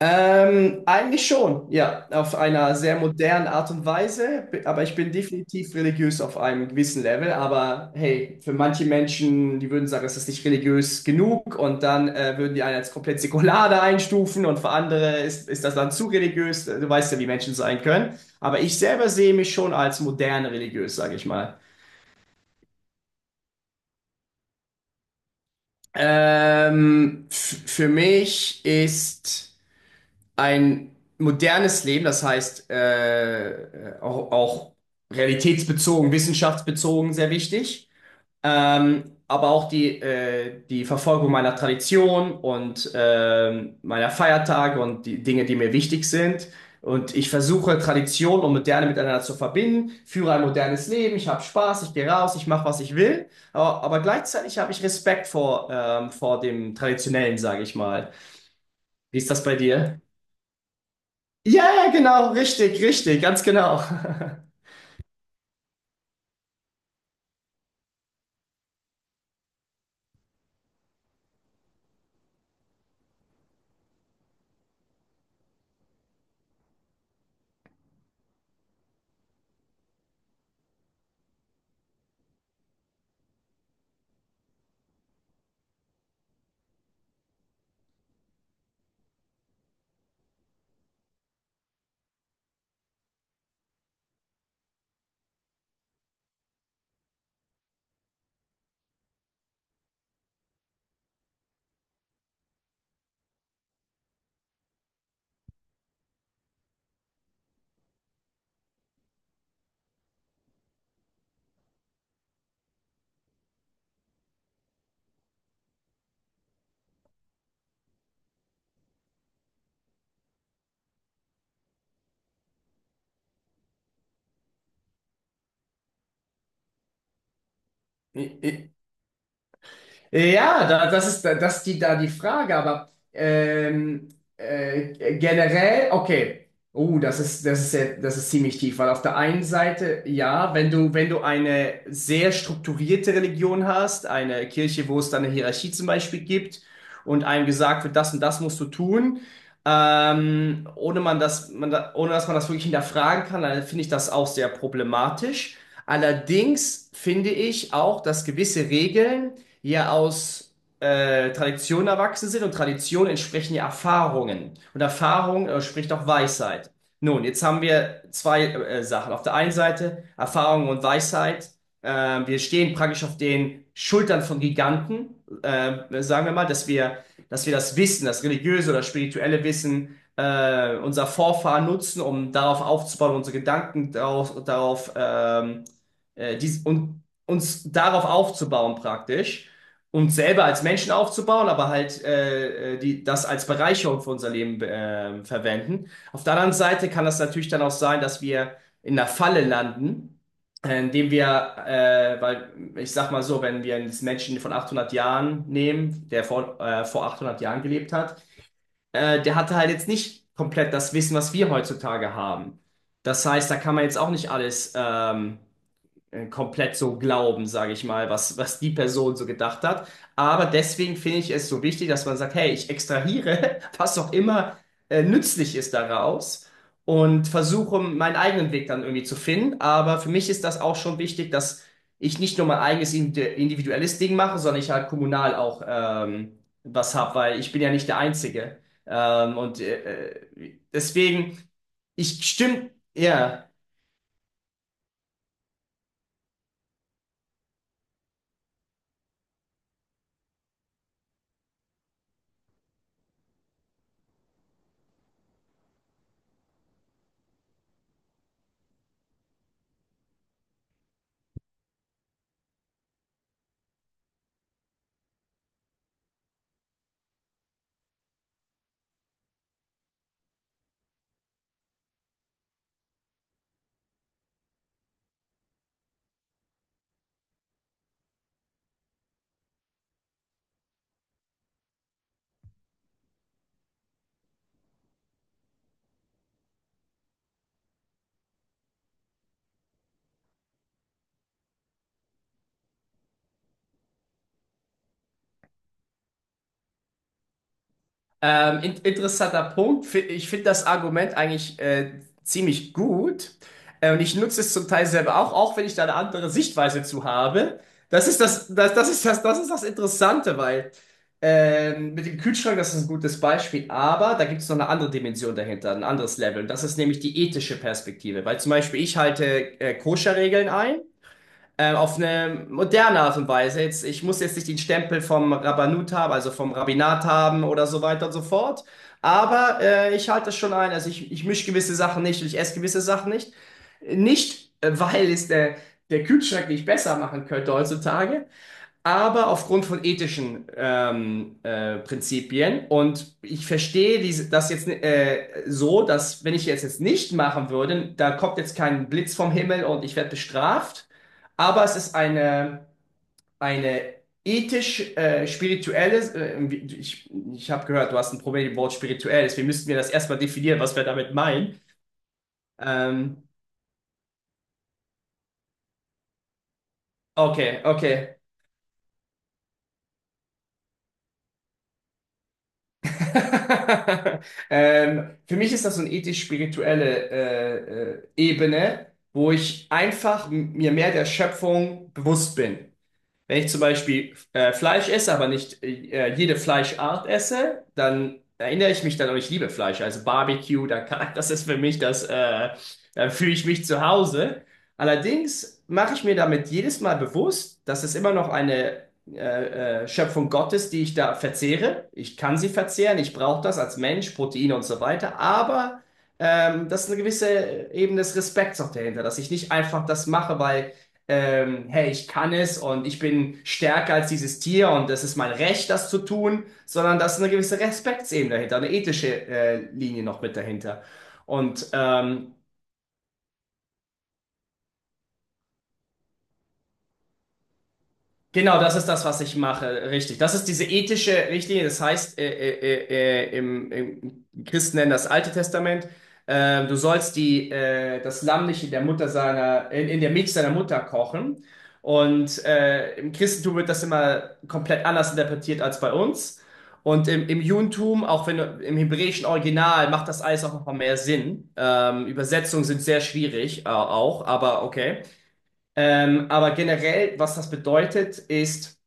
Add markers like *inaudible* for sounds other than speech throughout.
Eigentlich schon, ja, auf einer sehr modernen Art und Weise. Aber ich bin definitiv religiös auf einem gewissen Level, aber hey, für manche Menschen, die würden sagen, es ist nicht religiös genug und dann würden die einen als komplett säkular da einstufen und für andere ist das dann zu religiös, du weißt ja, wie Menschen sein können, aber ich selber sehe mich schon als modern religiös, sage ich mal. Für mich ist... ein modernes Leben, das heißt auch, auch realitätsbezogen, wissenschaftsbezogen, sehr wichtig. Aber auch die Verfolgung meiner Tradition und meiner Feiertage und die Dinge, die mir wichtig sind. Und ich versuche Tradition und Moderne miteinander zu verbinden, führe ein modernes Leben, ich habe Spaß, ich gehe raus, ich mache, was ich will. Aber gleichzeitig habe ich Respekt vor, vor dem Traditionellen, sage ich mal. Wie ist das bei dir? Ja, ja, genau, richtig, richtig, ganz genau. *laughs* I- i- Ja, das ist die Frage, aber generell, okay. Oh, das ist, das ist ziemlich tief, weil auf der einen Seite, ja, wenn du, wenn du eine sehr strukturierte Religion hast, eine Kirche, wo es dann eine Hierarchie zum Beispiel gibt und einem gesagt wird, das und das musst du tun, ohne man das, man da, ohne dass man das wirklich hinterfragen kann, dann finde ich das auch sehr problematisch. Allerdings finde ich auch, dass gewisse Regeln, ja aus Traditionen erwachsen sind und Traditionen entsprechen ja Erfahrungen. Und Erfahrung spricht auch Weisheit. Nun, jetzt haben wir zwei Sachen. Auf der einen Seite Erfahrung und Weisheit. Wir stehen praktisch auf den Schultern von Giganten, sagen wir mal, dass dass wir das Wissen, das religiöse oder spirituelle Wissen unserer Vorfahren nutzen, um darauf aufzubauen, unsere Gedanken darauf und uns darauf aufzubauen praktisch uns selber als Menschen aufzubauen, aber halt das als Bereicherung für unser Leben verwenden. Auf der anderen Seite kann das natürlich dann auch sein, dass wir in einer Falle landen, äh, indem wir, weil ich sag mal so, wenn wir einen Menschen von 800 Jahren nehmen, der vor 800 Jahren gelebt hat, der hatte halt jetzt nicht komplett das Wissen, was wir heutzutage haben. Das heißt, da kann man jetzt auch nicht alles komplett so glauben, sage ich mal, was die Person so gedacht hat. Aber deswegen finde ich es so wichtig, dass man sagt, hey, ich extrahiere, *laughs* was auch immer nützlich ist daraus und versuche meinen eigenen Weg dann irgendwie zu finden. Aber für mich ist das auch schon wichtig, dass ich nicht nur mein eigenes individuelles Ding mache, sondern ich halt kommunal auch was habe, weil ich bin ja nicht der Einzige. Ähm, und äh, Deswegen, ich stimme, ja. In interessanter Punkt. Ich finde das Argument eigentlich ziemlich gut. Und ich nutze es zum Teil selber auch, auch wenn ich da eine andere Sichtweise zu habe. Das ist das ist das ist das Interessante, weil mit dem Kühlschrank, das ist ein gutes Beispiel, aber da gibt es noch eine andere Dimension dahinter, ein anderes Level. Und das ist nämlich die ethische Perspektive. Weil zum Beispiel ich halte Koscher-Regeln ein auf eine moderne Art und Weise. Jetzt, ich muss jetzt nicht den Stempel vom Rabbanut haben, also vom Rabbinat haben oder so weiter und so fort. Aber ich halte das schon ein. Also ich mische gewisse Sachen nicht und ich esse gewisse Sachen nicht. Nicht, weil der Kühlschrank nicht besser machen könnte heutzutage, aber aufgrund von ethischen Prinzipien. Und ich verstehe diese, das jetzt so, dass wenn ich jetzt nicht machen würde, da kommt jetzt kein Blitz vom Himmel und ich werde bestraft. Aber es ist eine ethisch spirituelle, ich habe gehört, du hast ein Problem mit dem Wort spirituell, deswegen müssten wir das erstmal definieren, was wir damit meinen. Ähm, okay, okay. *laughs* Für mich ist das so eine ethisch-spirituelle Ebene, wo ich einfach mir mehr der Schöpfung bewusst bin. Wenn ich zum Beispiel Fleisch esse, aber nicht jede Fleischart esse, dann erinnere ich mich dann, oh ich liebe Fleisch, also Barbecue, da *laughs* kann, das ist für mich das, da fühle ich mich zu Hause. Allerdings mache ich mir damit jedes Mal bewusst, dass es immer noch eine Schöpfung Gottes, die ich da verzehre. Ich kann sie verzehren, ich brauche das als Mensch, Proteine und so weiter, aber das ist eine gewisse Ebene des Respekts auch dahinter, dass ich nicht einfach das mache, weil hey, ich kann es und ich bin stärker als dieses Tier und das ist mein Recht, das zu tun, sondern da ist eine gewisse Respektsebene dahinter, eine ethische Linie noch mit dahinter. Und ähm, Genau, das ist das, was ich mache, richtig. Das ist diese ethische Richtlinie, das heißt, im Christen nennen das Alte Testament. Du sollst das Lamm nicht in der Mutter seiner, in der Milch seiner Mutter kochen. Und im Christentum wird das immer komplett anders interpretiert als bei uns. Und im Judentum, auch wenn im hebräischen Original, macht das alles auch noch mal mehr Sinn. Übersetzungen sind sehr schwierig, auch, aber okay. Aber generell, was das bedeutet, ist,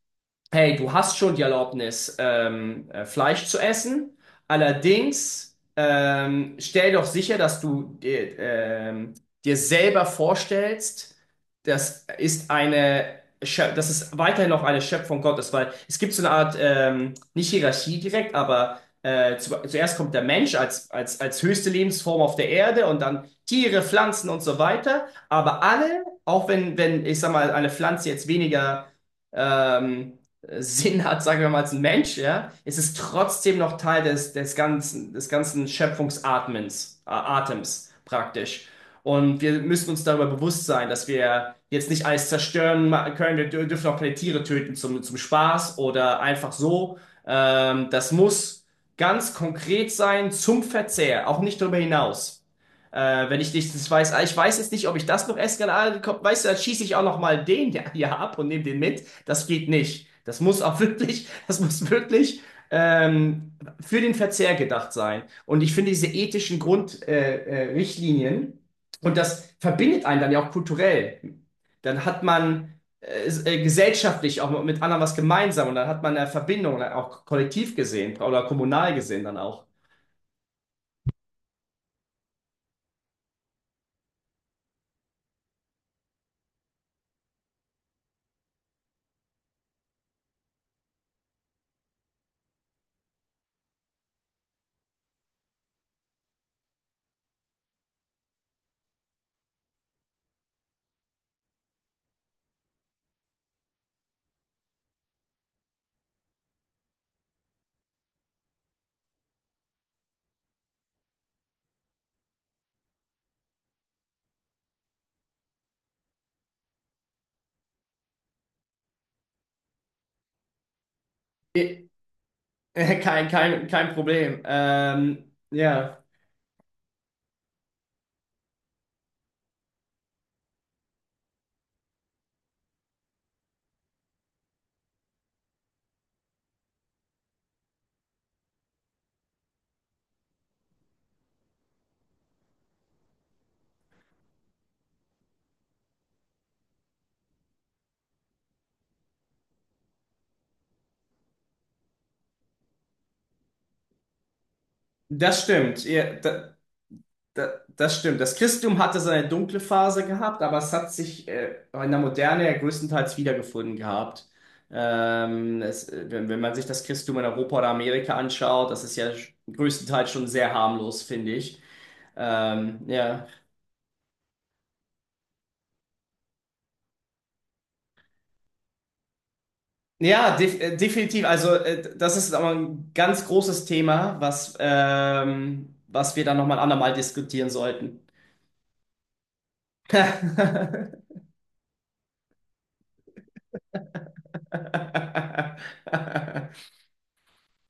hey, du hast schon die Erlaubnis, Fleisch zu essen. Allerdings stell doch sicher, dass du dir selber vorstellst, das ist dass es weiterhin noch eine Schöpfung Gottes, weil es gibt so eine Art, nicht Hierarchie direkt, aber zuerst kommt der Mensch als höchste Lebensform auf der Erde und dann Tiere, Pflanzen und so weiter. Aber alle, auch wenn, ich sag mal, eine Pflanze jetzt weniger ähm, Sinn hat, sagen wir mal, als ein Mensch, ja, ist es trotzdem noch Teil des ganzen Schöpfungsatmens, Atems praktisch. Und wir müssen uns darüber bewusst sein, dass wir jetzt nicht alles zerstören können. Dürfen auch keine Tiere töten zum Spaß oder einfach so. Das muss ganz konkret sein zum Verzehr, auch nicht darüber hinaus. Wenn ich nicht das weiß, ah, ich weiß jetzt nicht, ob ich das noch essen kann, ah, komm, weißt du, dann schieße ich auch noch mal den ja, ja ab und nehme den mit. Das geht nicht. Das muss auch *laughs* wirklich, das muss wirklich ähm, für den Verzehr gedacht sein. Und ich finde diese ethischen Grundrichtlinien Richtlinien, und das verbindet einen dann ja auch kulturell. Dann hat man gesellschaftlich auch mit anderen was gemeinsam und dann hat man eine Verbindung, dann auch kollektiv gesehen oder kommunal gesehen dann auch. Äh, *laughs* Kein Problem. Ja, das stimmt. Da, das stimmt. Das Christentum hatte seine dunkle Phase gehabt, aber es hat sich in der Moderne ja größtenteils wiedergefunden gehabt. Es, wenn, Wenn man sich das Christentum in Europa oder Amerika anschaut, das ist ja größtenteils schon sehr harmlos, finde ich. Ähm, ja, Definitiv. Also das ist aber ein ganz großes Thema, was wir dann nochmal ein andermal diskutieren sollten. *laughs*